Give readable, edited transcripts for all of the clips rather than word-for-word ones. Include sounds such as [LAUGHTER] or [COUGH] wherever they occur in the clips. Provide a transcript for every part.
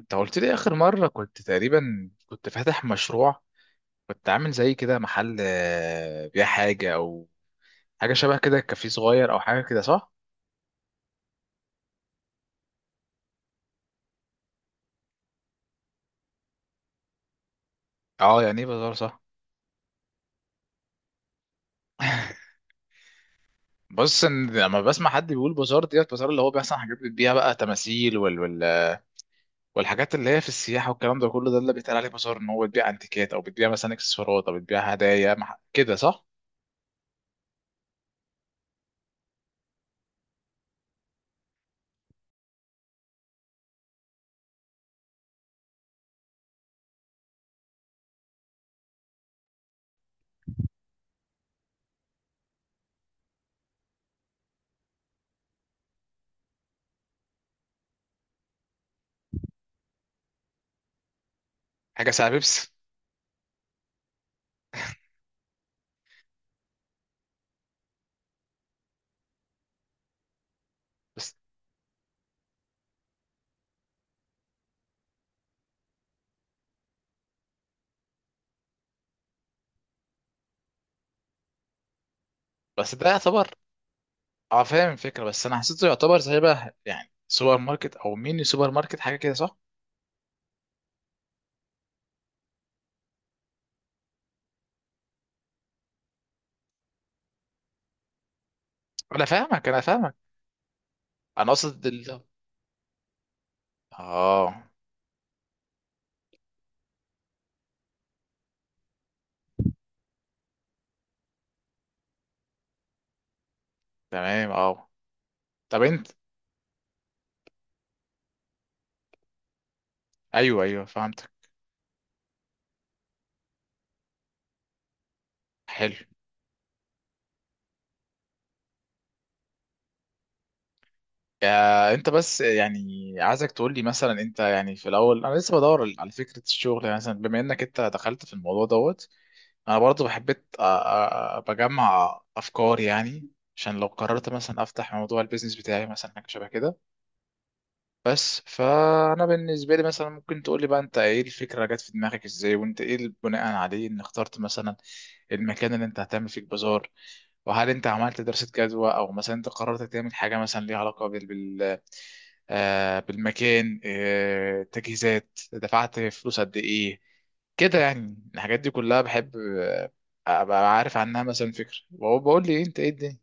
انت قلت لي اخر مره كنت تقريبا فاتح مشروع. كنت عامل زي كده محل، بيع حاجه او حاجه شبه كده، كافيه صغير او حاجه كده، صح؟ اه، يعني ايه بازار، صح؟ [LAUGHS] بص، ان لما بسمع حد بيقول بازار ديت، بازار اللي هو بيحصل حاجات بتبيع بقى تماثيل والحاجات اللي هي في السياحه والكلام ده كله، ده اللي بيتقال عليه بازار، ان هو بتبيع انتيكات او بتبيع مثلا اكسسوارات او بتبيع هدايا كده، صح؟ حاجه ساعه بيبس. بس بس ده يعتبر. اه فاهم الفكره، بس انا حسيته يعتبر زي بقى يعني سوبر ماركت او ميني سوبر ماركت، حاجه كده صح؟ انا فاهمك. انا قصد ال... اه، تمام اه. طب انت، ايوه ايوه فهمتك. حلو. آه، انت بس يعني عايزك تقول لي مثلا، انت يعني في الاول، انا لسه بدور على فكره الشغل يعني، مثلا بما انك انت دخلت في الموضوع دوت، انا برضو حبيت بجمع افكار يعني، عشان لو قررت مثلا افتح موضوع البيزنس بتاعي مثلا حاجه شبه كده. بس فانا بالنسبه لي، مثلا ممكن تقول لي بقى انت ايه الفكره جت في دماغك ازاي، وانت ايه اللي بناء عليه ان اخترت مثلا المكان اللي انت هتعمل فيه البازار، وهل انت عملت دراسه جدوى، او مثلا انت قررت تعمل حاجه مثلا ليها علاقه آه بالمكان، آه تجهيزات، دفعت فلوس قد ايه؟ كده يعني الحاجات دي كلها بحب ابقى عارف عنها، مثلا فكره. وهو بقول لي إيه انت ايه الدنيا.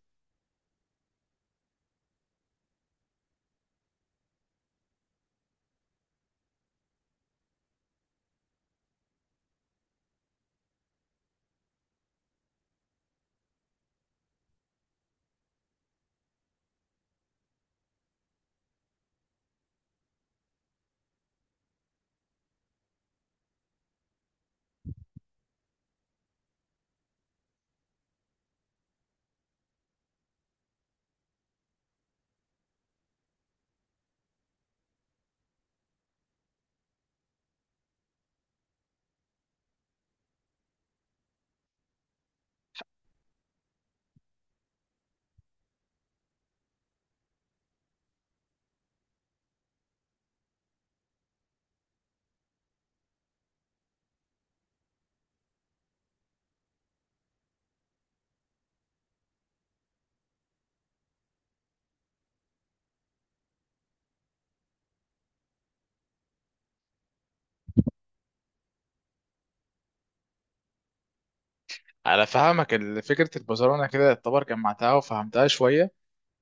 على فهمك فكره البازار انا كده يعتبر جمعتها وفهمتها شويه.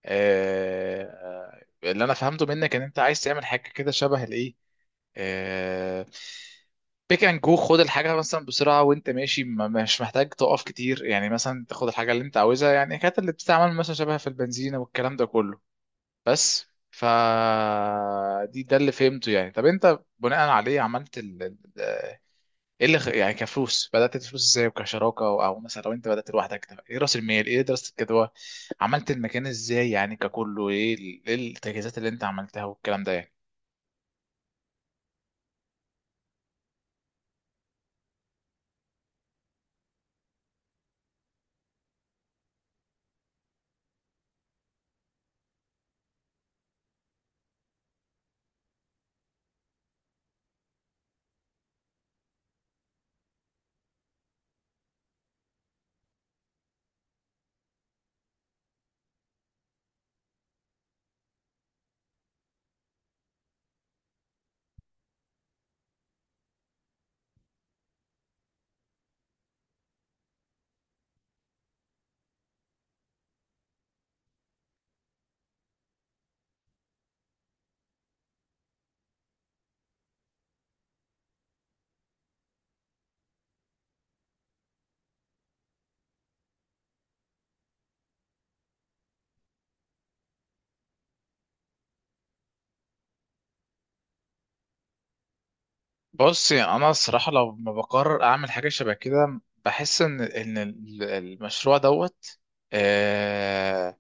اللي انا فهمته منك ان انت عايز تعمل حاجه كده شبه الايه، آه، بيك اند جو، خد الحاجه مثلا بسرعه وانت ماشي، مش محتاج تقف كتير يعني، مثلا تاخد الحاجه اللي انت عاوزها يعني، كانت اللي بتستعمل مثلا شبه في البنزينه والكلام ده كله. بس ف دي ده اللي فهمته يعني. طب انت بناء عليه عملت ايه يعني كفلوس، بدات الفلوس ازاي، وكشراكه أو مثلا لو انت بدات لوحدك، طب ايه راس المال، ايه دراسه الجدوى، عملت المكان ازاي يعني ككله، ايه إيه التجهيزات اللي انت عملتها والكلام ده يعني. بص يعني انا الصراحه لو ما بقرر اعمل حاجه شبه كده، بحس ان المشروع دوت آه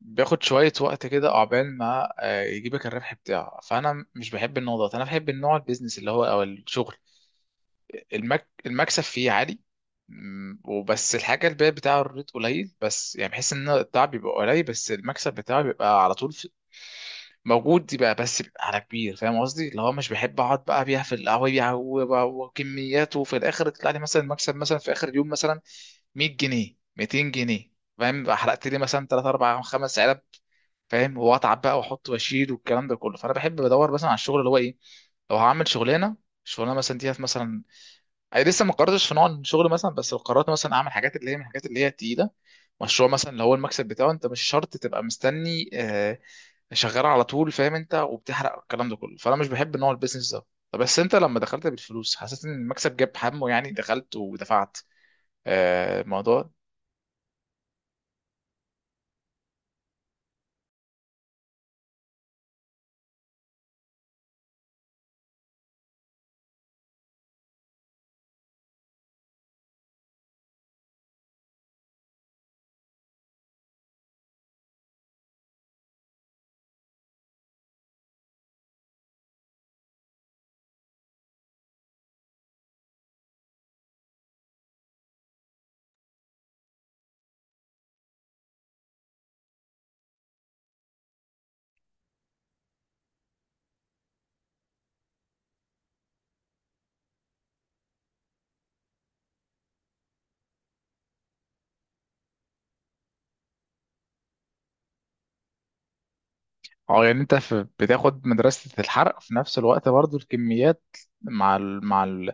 بياخد شويه وقت كده، عقبال ما آه يجيبك الربح بتاعه. فانا مش بحب النوع ده، انا بحب النوع البيزنس اللي هو او الشغل المكسب فيه عالي. مم، وبس الحاجة البيع بتاعه الريت قليل، بس يعني بحس ان التعب بيبقى قليل بس المكسب بتاعه بيبقى على طول موجود، يبقى بس بيبقى على كبير. فاهم قصدي، اللي هو مش بحب اقعد بقى ابيع في القهوة يبيع وكميات وفي الاخر يطلع لي مثلا المكسب مثلا في اخر اليوم مثلا 100 جنيه 200 جنيه. فاهم، بقى حرقت لي مثلا 3 4 5 علب، فاهم، واتعب بقى واحط واشيل والكلام ده كله. فانا بحب بدور مثلا على الشغل اللي هو ايه، لو هعمل شغلانه، الشغلانه مثلا ديت مثلا، انا لسه ما قررتش في نوع الشغل مثلا، بس لو قررت مثلا اعمل حاجات اللي هي من الحاجات اللي هي تقيله، مشروع مثلا اللي هو المكسب بتاعه، انت مش شرط تبقى مستني شغال على طول، فاهم انت، وبتحرق الكلام ده كله. فانا مش بحب نوع البيزنس ده. طب بس انت لما دخلت بالفلوس حسيت ان المكسب جاب همه؟ يعني دخلت ودفعت الموضوع. اه يعني انت في بتاخد مدرسة الحرق في نفس الوقت برضو الكميات مع ال مع ال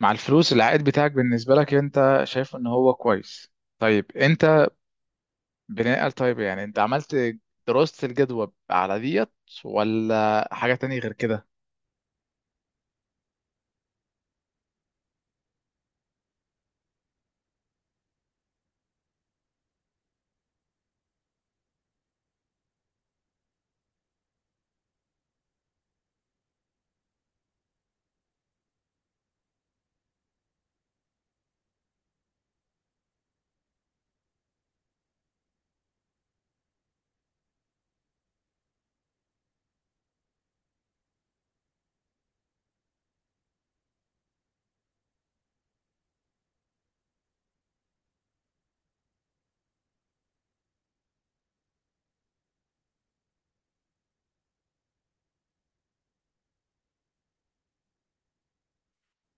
مع الفلوس العائد بتاعك، بالنسبة لك انت شايف ان هو كويس. طيب انت طيب يعني انت عملت دراسة الجدوى على ديت، ولا حاجة تانية غير كده؟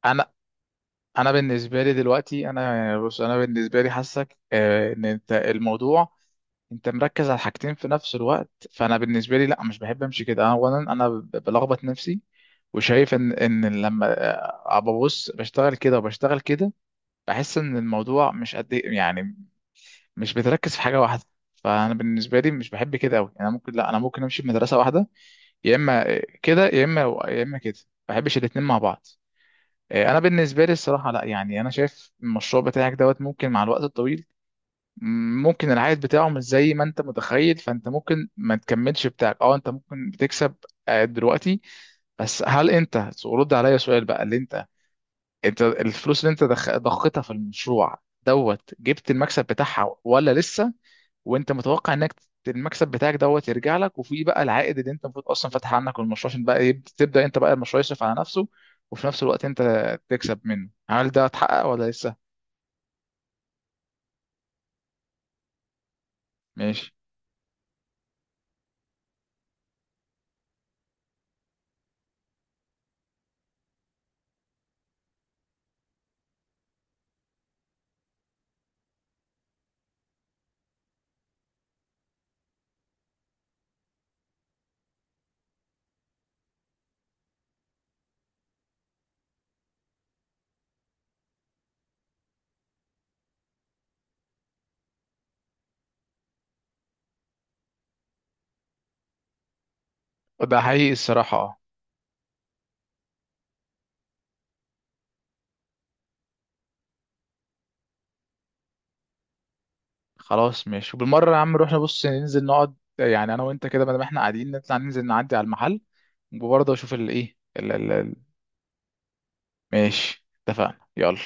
انا انا بالنسبة لي دلوقتي انا يعني، بص انا بالنسبة لي حاسك ان انت الموضوع، انت مركز على حاجتين في نفس الوقت. فانا بالنسبة لي لا، مش بحب امشي كده. اولا انا بلخبط نفسي، وشايف ان ان لما ببص بشتغل كده وبشتغل كده، بحس ان الموضوع مش قد يعني مش بتركز في حاجة واحدة. فانا بالنسبة لي مش بحب كده قوي. انا ممكن لا انا ممكن امشي في مدرسة واحدة، يا اما كده يا اما، يا اما كده. ما بحبش الاثنين مع بعض. انا بالنسبه لي الصراحه لا يعني، انا شايف المشروع بتاعك دوت ممكن مع الوقت الطويل، ممكن العائد بتاعه مش زي ما انت متخيل، فانت ممكن ما تكملش بتاعك. اه انت ممكن بتكسب دلوقتي، بس هل انت رد عليا سؤال بقى، اللي انت انت الفلوس اللي انت ضختها في المشروع دوت جبت المكسب بتاعها ولا لسه؟ وانت متوقع انك المكسب بتاعك دوت يرجع لك، وفي بقى العائد اللي انت المفروض اصلا فاتح عنك المشروع عشان بقى يبدا، تبدا انت بقى المشروع يصرف على نفسه وفي نفس الوقت انت تكسب منه، هل ده اتحقق ولا لسه؟ ماشي. ده حقيقي الصراحه، اه. خلاص ماشي، وبالمره يا عم نروح نبص، ننزل نقعد يعني انا وانت كده، بدل ما احنا قاعدين نطلع ننزل، نعدي على المحل وبرضه اشوف الايه ماشي، اتفقنا، يلا.